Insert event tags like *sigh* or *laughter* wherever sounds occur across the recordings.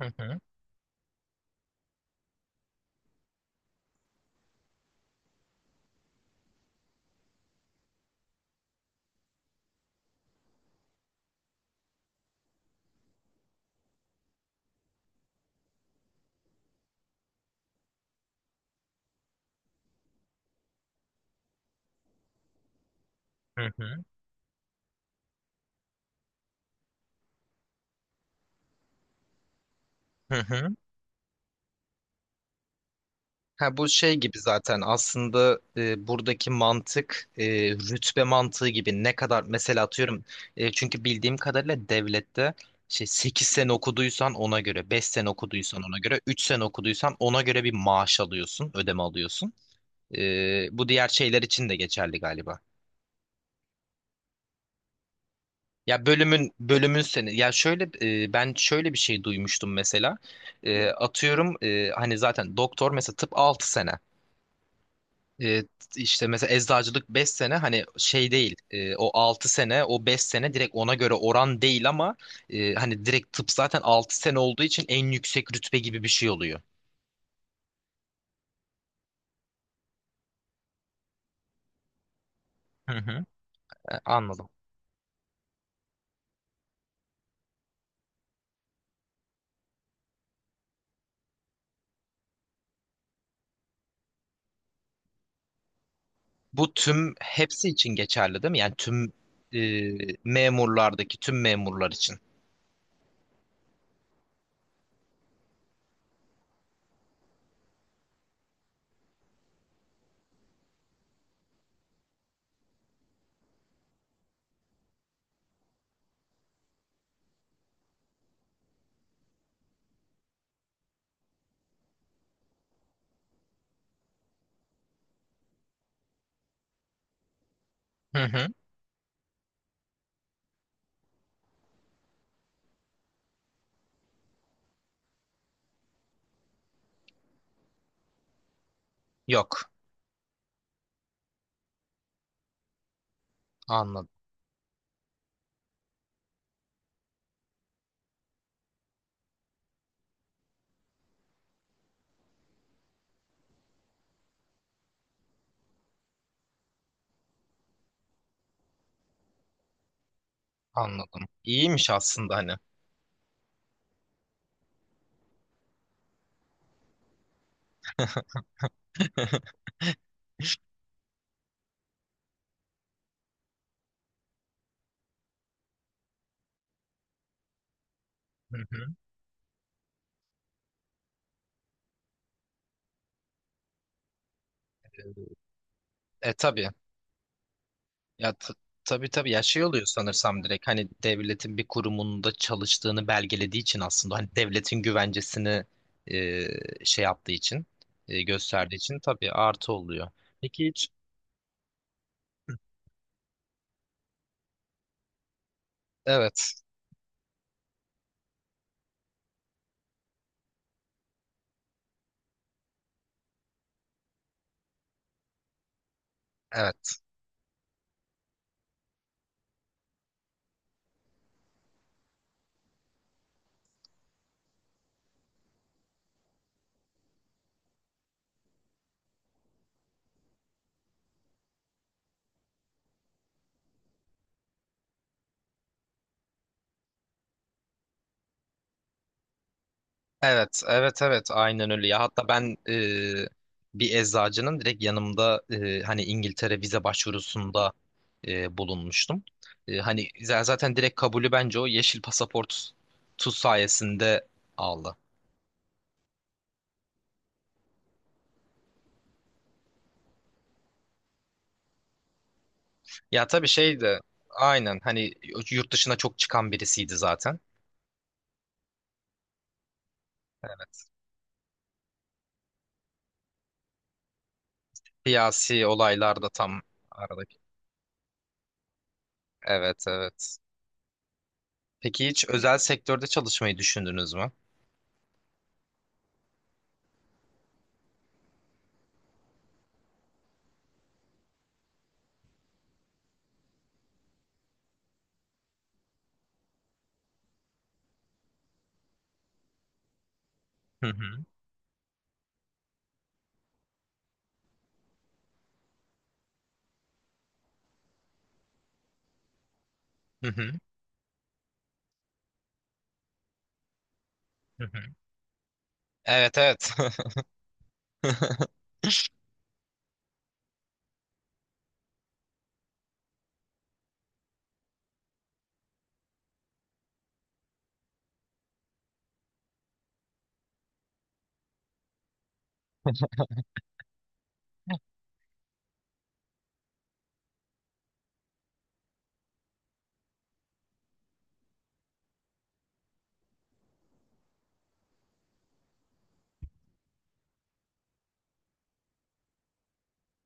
Hı hı, hı hı, hı hı. Ha, bu şey gibi zaten aslında buradaki mantık rütbe mantığı gibi ne kadar mesela atıyorum, çünkü bildiğim kadarıyla devlette şey 8 sene okuduysan ona göre, 5 sene okuduysan ona göre, 3 sene okuduysan ona göre bir maaş alıyorsun, ödeme alıyorsun. Bu diğer şeyler için de geçerli galiba. Ya bölümün seni, ya şöyle ben şöyle bir şey duymuştum mesela. Atıyorum, hani zaten doktor mesela tıp 6 sene. E, işte mesela eczacılık 5 sene, hani şey değil, o 6 sene o 5 sene direkt ona göre oran değil ama hani direkt tıp zaten 6 sene olduğu için en yüksek rütbe gibi bir şey oluyor. Hı hı. Anladım. Bu tüm hepsi için geçerli değil mi? Yani tüm e, memurlardaki tüm memurlar için. Hı hı. Yok. Anladım. Anladım. İyiymiş aslında hani. *laughs* Hı hı. E tabii. Ya tabii tabii, ya şey oluyor sanırsam, direkt hani devletin bir kurumunda çalıştığını belgelediği için aslında hani devletin güvencesini şey yaptığı için gösterdiği için tabii artı oluyor. Peki hiç Evet evet evet evet evet, aynen öyle ya. Hatta ben bir eczacının direkt yanımda hani İngiltere vize başvurusunda bulunmuştum. Hani zaten direkt kabulü, bence o yeşil pasaport tu sayesinde aldı. Ya tabii şey de, aynen hani yurt dışına çok çıkan birisiydi zaten. Siyasi olaylarda tam aradaki. Evet evet. Peki hiç özel sektörde çalışmayı düşündünüz mü? Hı hı. Hı hı. Hı hı. Evet evet. *laughs*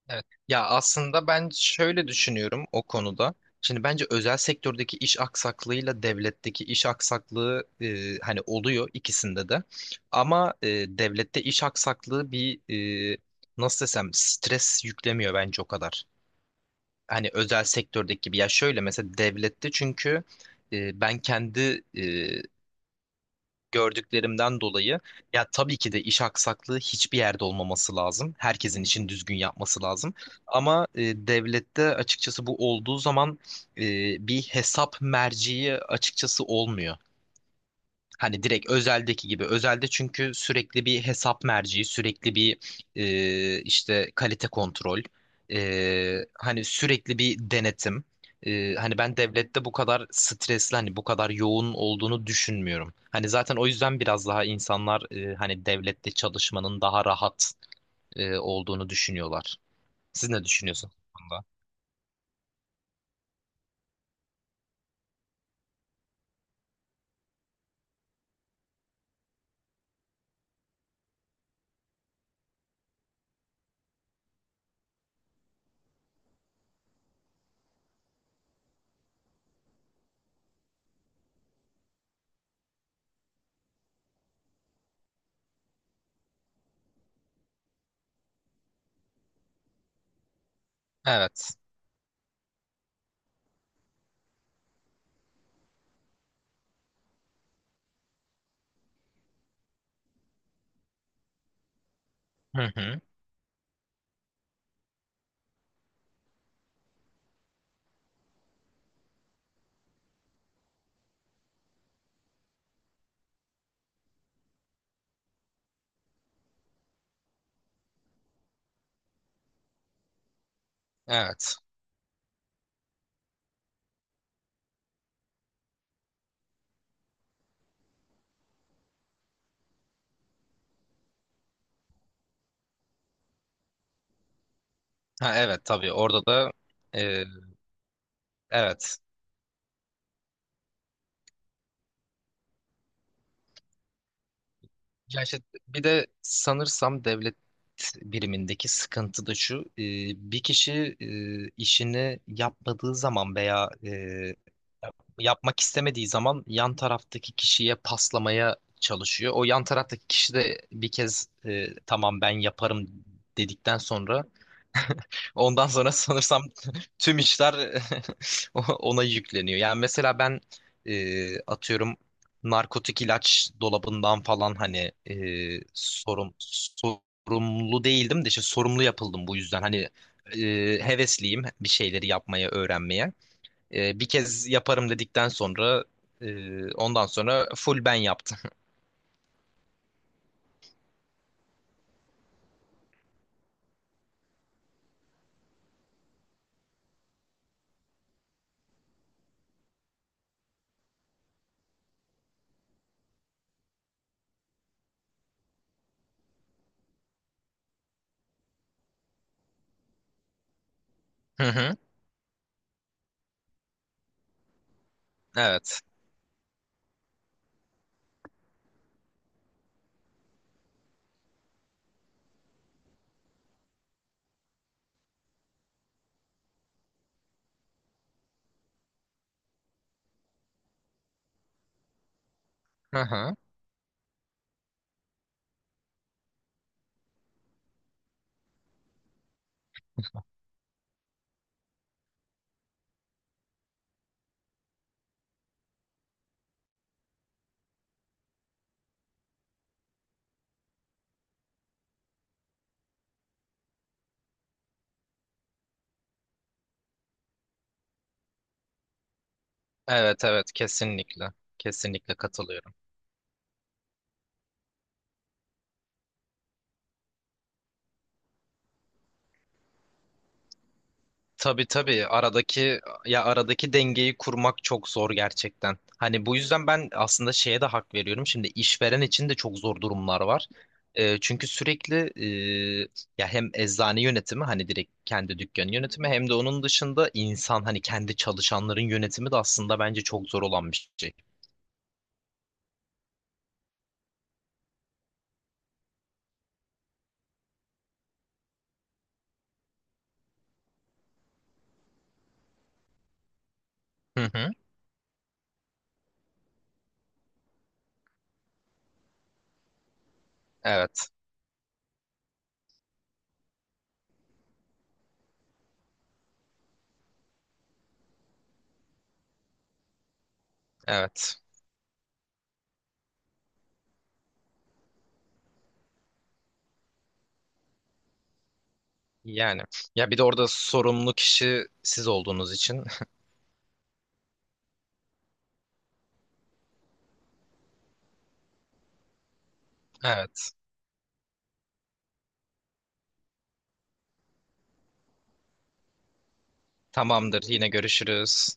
Evet. Ya aslında ben şöyle düşünüyorum o konuda. Şimdi bence özel sektördeki iş aksaklığıyla devletteki iş aksaklığı hani oluyor ikisinde de. Ama devlette iş aksaklığı bir, e, nasıl desem, stres yüklemiyor bence o kadar. Hani özel sektördeki gibi. Ya şöyle mesela devlette çünkü ben kendi gördüklerimden dolayı, ya tabii ki de iş aksaklığı hiçbir yerde olmaması lazım. Herkesin için düzgün yapması lazım. Ama devlette açıkçası bu olduğu zaman e, bir hesap merciği açıkçası olmuyor. Hani direkt özeldeki gibi. Özelde çünkü sürekli bir hesap merci, sürekli bir işte kalite kontrol, hani sürekli bir denetim. Hani ben devlette bu kadar stresli, hani bu kadar yoğun olduğunu düşünmüyorum. Hani zaten o yüzden biraz daha insanlar hani devlette çalışmanın daha rahat olduğunu düşünüyorlar. Siz ne düşünüyorsunuz bu konuda? Evet. Hı hı. Evet. Ha, evet tabii orada da e, evet. Ya işte bir de sanırsam devlet birimindeki sıkıntı da şu. Bir kişi işini yapmadığı zaman veya yapmak istemediği zaman yan taraftaki kişiye paslamaya çalışıyor. O yan taraftaki kişi de bir kez tamam ben yaparım dedikten sonra ondan sonra sanırsam *laughs* tüm işler *laughs* ona yükleniyor. Yani mesela ben atıyorum narkotik ilaç dolabından falan, hani sorumlu değildim de işte sorumlu yapıldım bu yüzden. Hani e, hevesliyim bir şeyleri yapmaya, öğrenmeye. Bir kez yaparım dedikten sonra ondan sonra full ben yaptım. *laughs* Hı hı. Evet. Hı hı. Evet evet kesinlikle. Kesinlikle katılıyorum. Tabii tabii, aradaki dengeyi kurmak çok zor gerçekten. Hani bu yüzden ben aslında şeye de hak veriyorum. Şimdi işveren için de çok zor durumlar var. Çünkü sürekli, e, ya hem eczane yönetimi, hani direkt kendi dükkanı yönetimi, hem de onun dışında insan hani kendi çalışanların yönetimi de aslında bence çok zor olan bir şey. Hı hı. Evet, evet. Yani, ya bir de orada sorumlu kişi siz olduğunuz için. *laughs* Evet. Tamamdır. Yine görüşürüz.